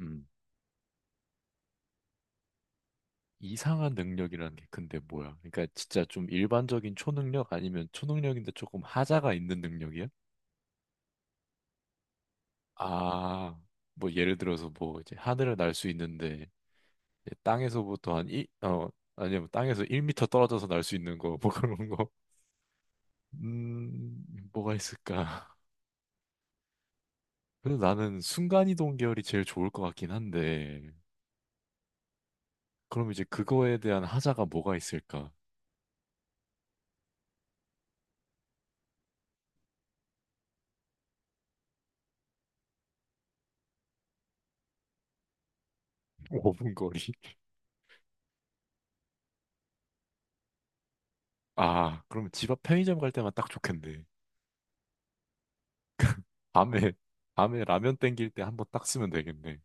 음, 이상한 능력이라는 게 근데 뭐야? 그러니까 진짜 좀 일반적인 초능력 아니면 초능력인데 조금 하자가 있는 능력이야? 아, 뭐 예를 들어서 뭐 이제 하늘을 날 수 있는데 이제 땅에서부터 한 1, 아니면 뭐 땅에서 1미터 떨어져서 날 수 있는 거, 뭐 그런 거. 음, 뭐가 있을까? 그래도 나는 순간이동 계열이 제일 좋을 것 같긴 한데, 그럼 이제 그거에 대한 하자가 뭐가 있을까? 오 분 거리? 아, 그러면 집 앞 편의점 갈 때만 딱 좋겠네. 밤에, 밤에 라면 땡길 때 한번 딱 쓰면 되겠네.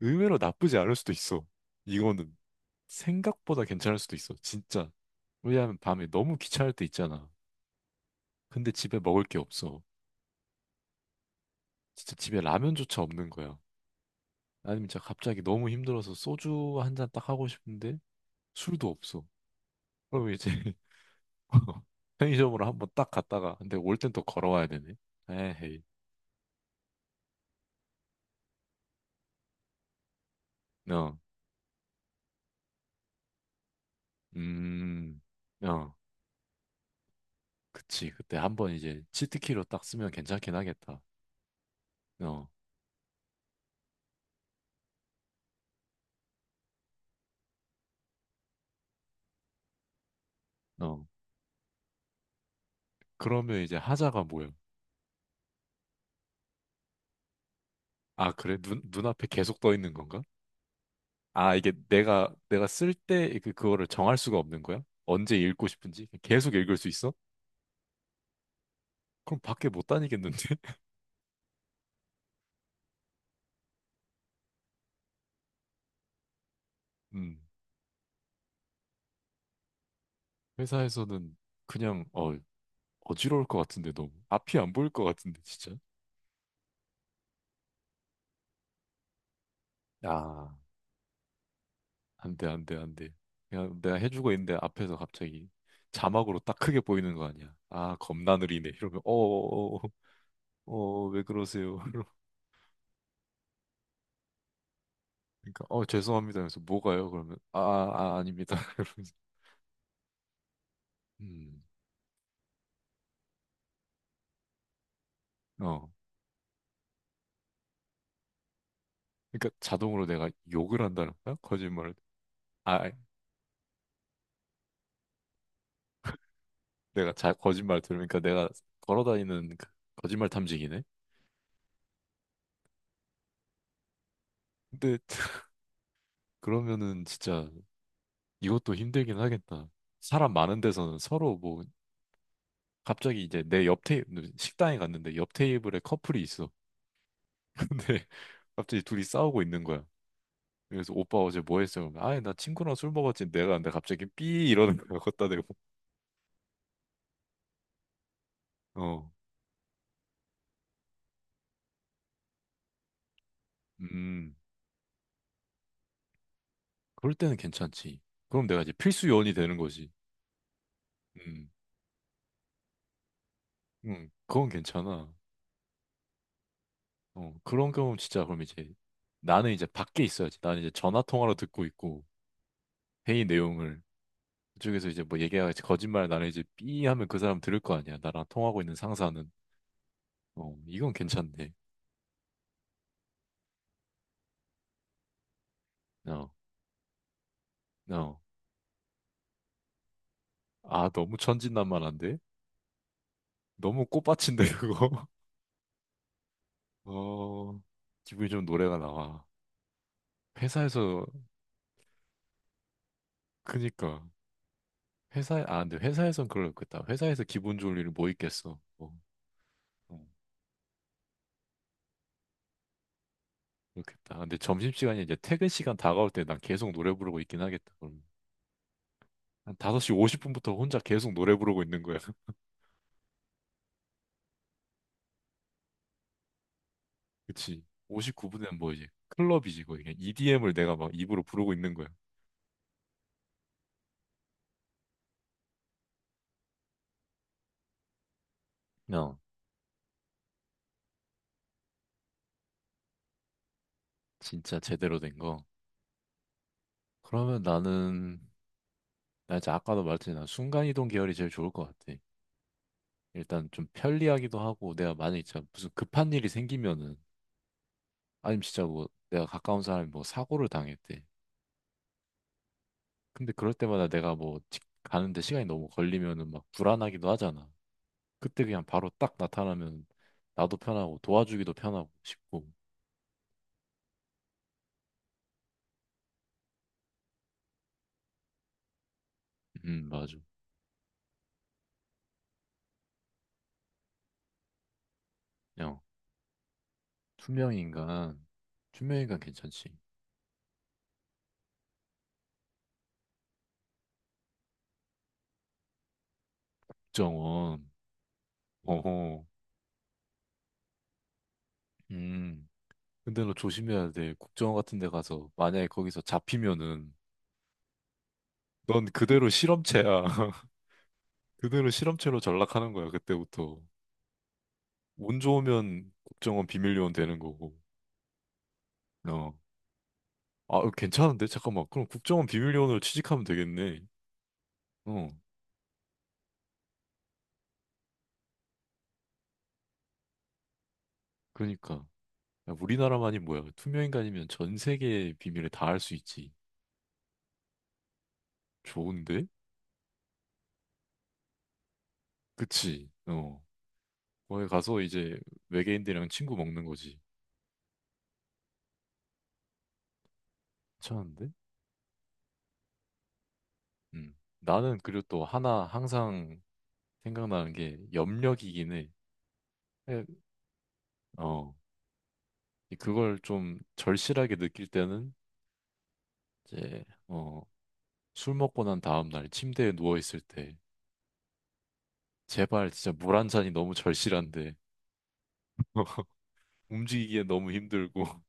의외로 나쁘지 않을 수도 있어. 이거는 생각보다 괜찮을 수도 있어. 진짜. 왜냐하면 밤에 너무 귀찮을 때 있잖아. 근데 집에 먹을 게 없어. 진짜 집에 라면조차 없는 거야. 아니면 진짜 갑자기 너무 힘들어서 소주 한 잔 딱 하고 싶은데 술도 없어. 그럼 이제 편의점으로 한번 딱 갔다가 근데 올 땐 또 걸어와야 되네. 에헤이. 어. 음. 어. 그치. 그때 한번 이제 치트키로 딱 쓰면 괜찮긴 하겠다. 어, 어. 그러면 이제 하자가 뭐야? 아, 그래? 눈, 눈앞에 계속 떠 있는 건가? 아, 이게 내가, 내가 쓸 때 그, 그거를 정할 수가 없는 거야? 언제 읽고 싶은지? 계속 읽을 수 있어? 그럼 밖에 못 다니겠는데? 음. 회사에서는 그냥, 어지러울 것 같은데, 너무. 앞이 안 보일 것 같은데, 진짜. 아. 안 돼, 안 돼, 안 돼. 그냥 내가 해주고 있는데 앞에서 갑자기 자막으로 딱 크게 보이는 거 아니야. 아, 겁나 느리네. 이러면, 어, 왜 그러세요? 그러니까, 죄송합니다. 그래서 뭐가요? 그러면, 아닙니다. 이러면서, 음, 어. 그러니까 자동으로 내가 욕을 한다는 거야? 거짓말을. 아, 거짓말 들으니까 내가 걸어다니는 그 거짓말 탐지기네? 근데 그러면은 진짜 이것도 힘들긴 하겠다. 사람 많은 데서는 서로 뭐 갑자기 이제 내 옆 테이 식당에 갔는데 옆 테이블에 커플이 있어. 근데 갑자기 둘이 싸우고 있는 거야. 그래서 오빠 어제 뭐 했어? 아니 나 친구랑 술 먹었지. 내가 근데 갑자기 삐 이러는 거야. 걷다 대고. 어, 음, 그럴 때는 괜찮지. 그럼 내가 이제 필수 요원이 되는 거지. 음, 그건 괜찮아. 어, 그런 경우 진짜 그럼 이제 나는 이제 밖에 있어야지. 나는 이제 전화 통화로 듣고 있고 회의 내용을 그쪽에서 이제 뭐 얘기하겠지 거짓말 나는 이제 삐 하면 그 사람 들을 거 아니야. 나랑 통하고 있는 상사는. 어, 이건 괜찮네. 어, 어. 아, 너무 천진난만한데? 너무 꽃밭인데, 그거? 어, 기분이 좀 노래가 나와. 회사에서, 그니까. 아, 근데 회사에선 그렇겠다. 회사에서 기분 좋을 일이 뭐 있겠어. 어, 어, 그렇겠다. 근데 점심시간이 이제 퇴근 시간 다가올 때 난 계속 노래 부르고 있긴 하겠다. 그럼. 한 5시 50분부터 혼자 계속 노래 부르고 있는 거야. 그치. 59분은 뭐 이제 클럽이지, 거의. EDM을 내가 막 입으로 부르고 있는 거야. 어, 진짜 제대로 된 거. 그러면 나는, 나 이제 아까도 말했지, 난 순간이동 계열이 제일 좋을 것 같아. 일단 좀 편리하기도 하고, 내가 만약에 진짜 무슨 급한 일이 생기면은, 아니면 진짜 뭐 내가 가까운 사람이 뭐 사고를 당했대. 근데 그럴 때마다 내가 뭐 가는데 시간이 너무 걸리면은 막 불안하기도 하잖아. 그때 그냥 바로 딱 나타나면 나도 편하고 도와주기도 편하고 싶고. 맞아. 야, 투명인간. 투명인간 괜찮지. 국정원. 어허. 음. 근데 너 조심해야 돼. 국정원 같은 데 가서 만약에 거기서 잡히면은 넌 그대로 실험체야. 그대로 실험체로 전락하는 거야, 그때부터. 운 좋으면 국정원 비밀요원 되는 거고. 어. 아, 어, 괜찮은데? 잠깐만. 그럼 국정원 비밀요원으로 취직하면 되겠네. 어. 그러니까. 야, 우리나라만이 뭐야. 투명인간이면 전 세계의 비밀을 다 알 수 있지. 좋은데? 그치? 어. 거기 가서 이제 외계인들이랑 친구 먹는 거지. 괜찮은데? 음. 나는 그리고 또 하나 항상 생각나는 게 염력이긴 해. 예, 어, 그걸 좀 절실하게 느낄 때는 이제 술 먹고 난 다음 날 침대에 누워 있을 때 제발 진짜 물 한 잔이 너무 절실한데 움직이기에 너무 힘들고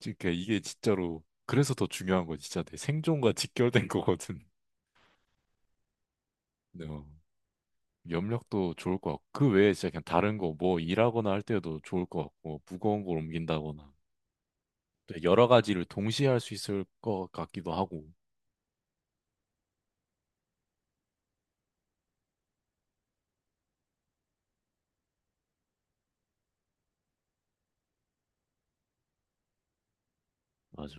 그러니까 이게 진짜로 그래서 더 중요한 거 진짜 내 생존과 직결된 거거든. 근데 어, 염력도 좋을 것 같고 그 외에 진짜 그냥 다른 거 뭐 일하거나 할 때도 좋을 것 같고 무거운 걸 옮긴다거나 또 여러 가지를 동시에 할 수 있을 것 같기도 하고 맞아.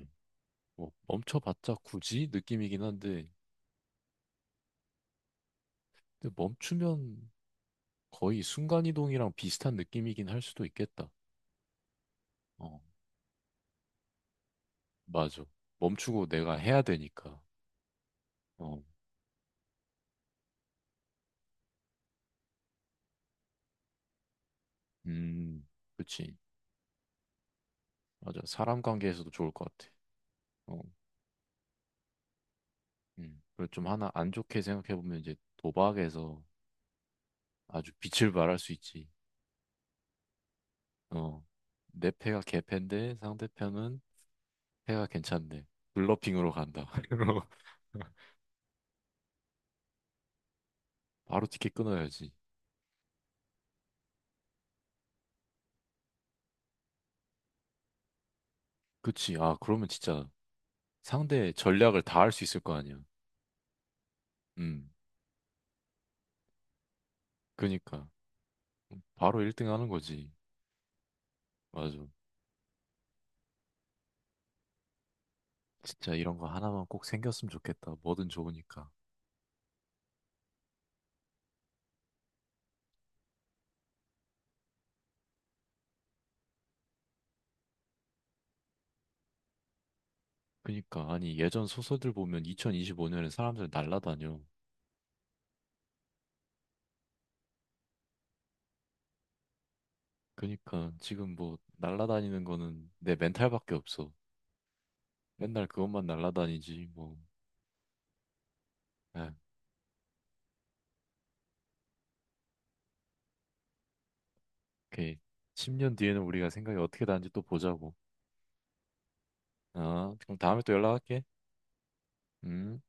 뭐 멈춰봤자 굳이 느낌이긴 한데 근데 멈추면 거의 순간이동이랑 비슷한 느낌이긴 할 수도 있겠다. 어, 맞아. 멈추고 내가 해야 되니까. 어, 음, 그치. 맞아. 사람 관계에서도 좋을 것 같아. 어, 그리고 좀 하나 안 좋게 생각해보면 이제 도박에서 아주 빛을 발할 수 있지. 어, 내 패가 개패인데 상대편은 패가 괜찮네. 블러핑으로 간다. 바로 티켓 끊어야지. 그치. 아, 그러면 진짜. 상대의 전략을 다 알 수 있을 거 아니야. 음, 그니까. 바로 1등 하는 거지. 맞아. 진짜 이런 거 하나만 꼭 생겼으면 좋겠다. 뭐든 좋으니까. 그니까. 아니, 예전 소설들 보면 2025년에 사람들 날라다녀. 그니까. 지금 뭐, 날라다니는 거는 내 멘탈밖에 없어. 맨날 그것만 날라다니지, 뭐. 아, 오케이. 10년 뒤에는 우리가 생각이 어떻게 다른지 또 보자고. 아, 그럼 다음에 또 연락할게. 음.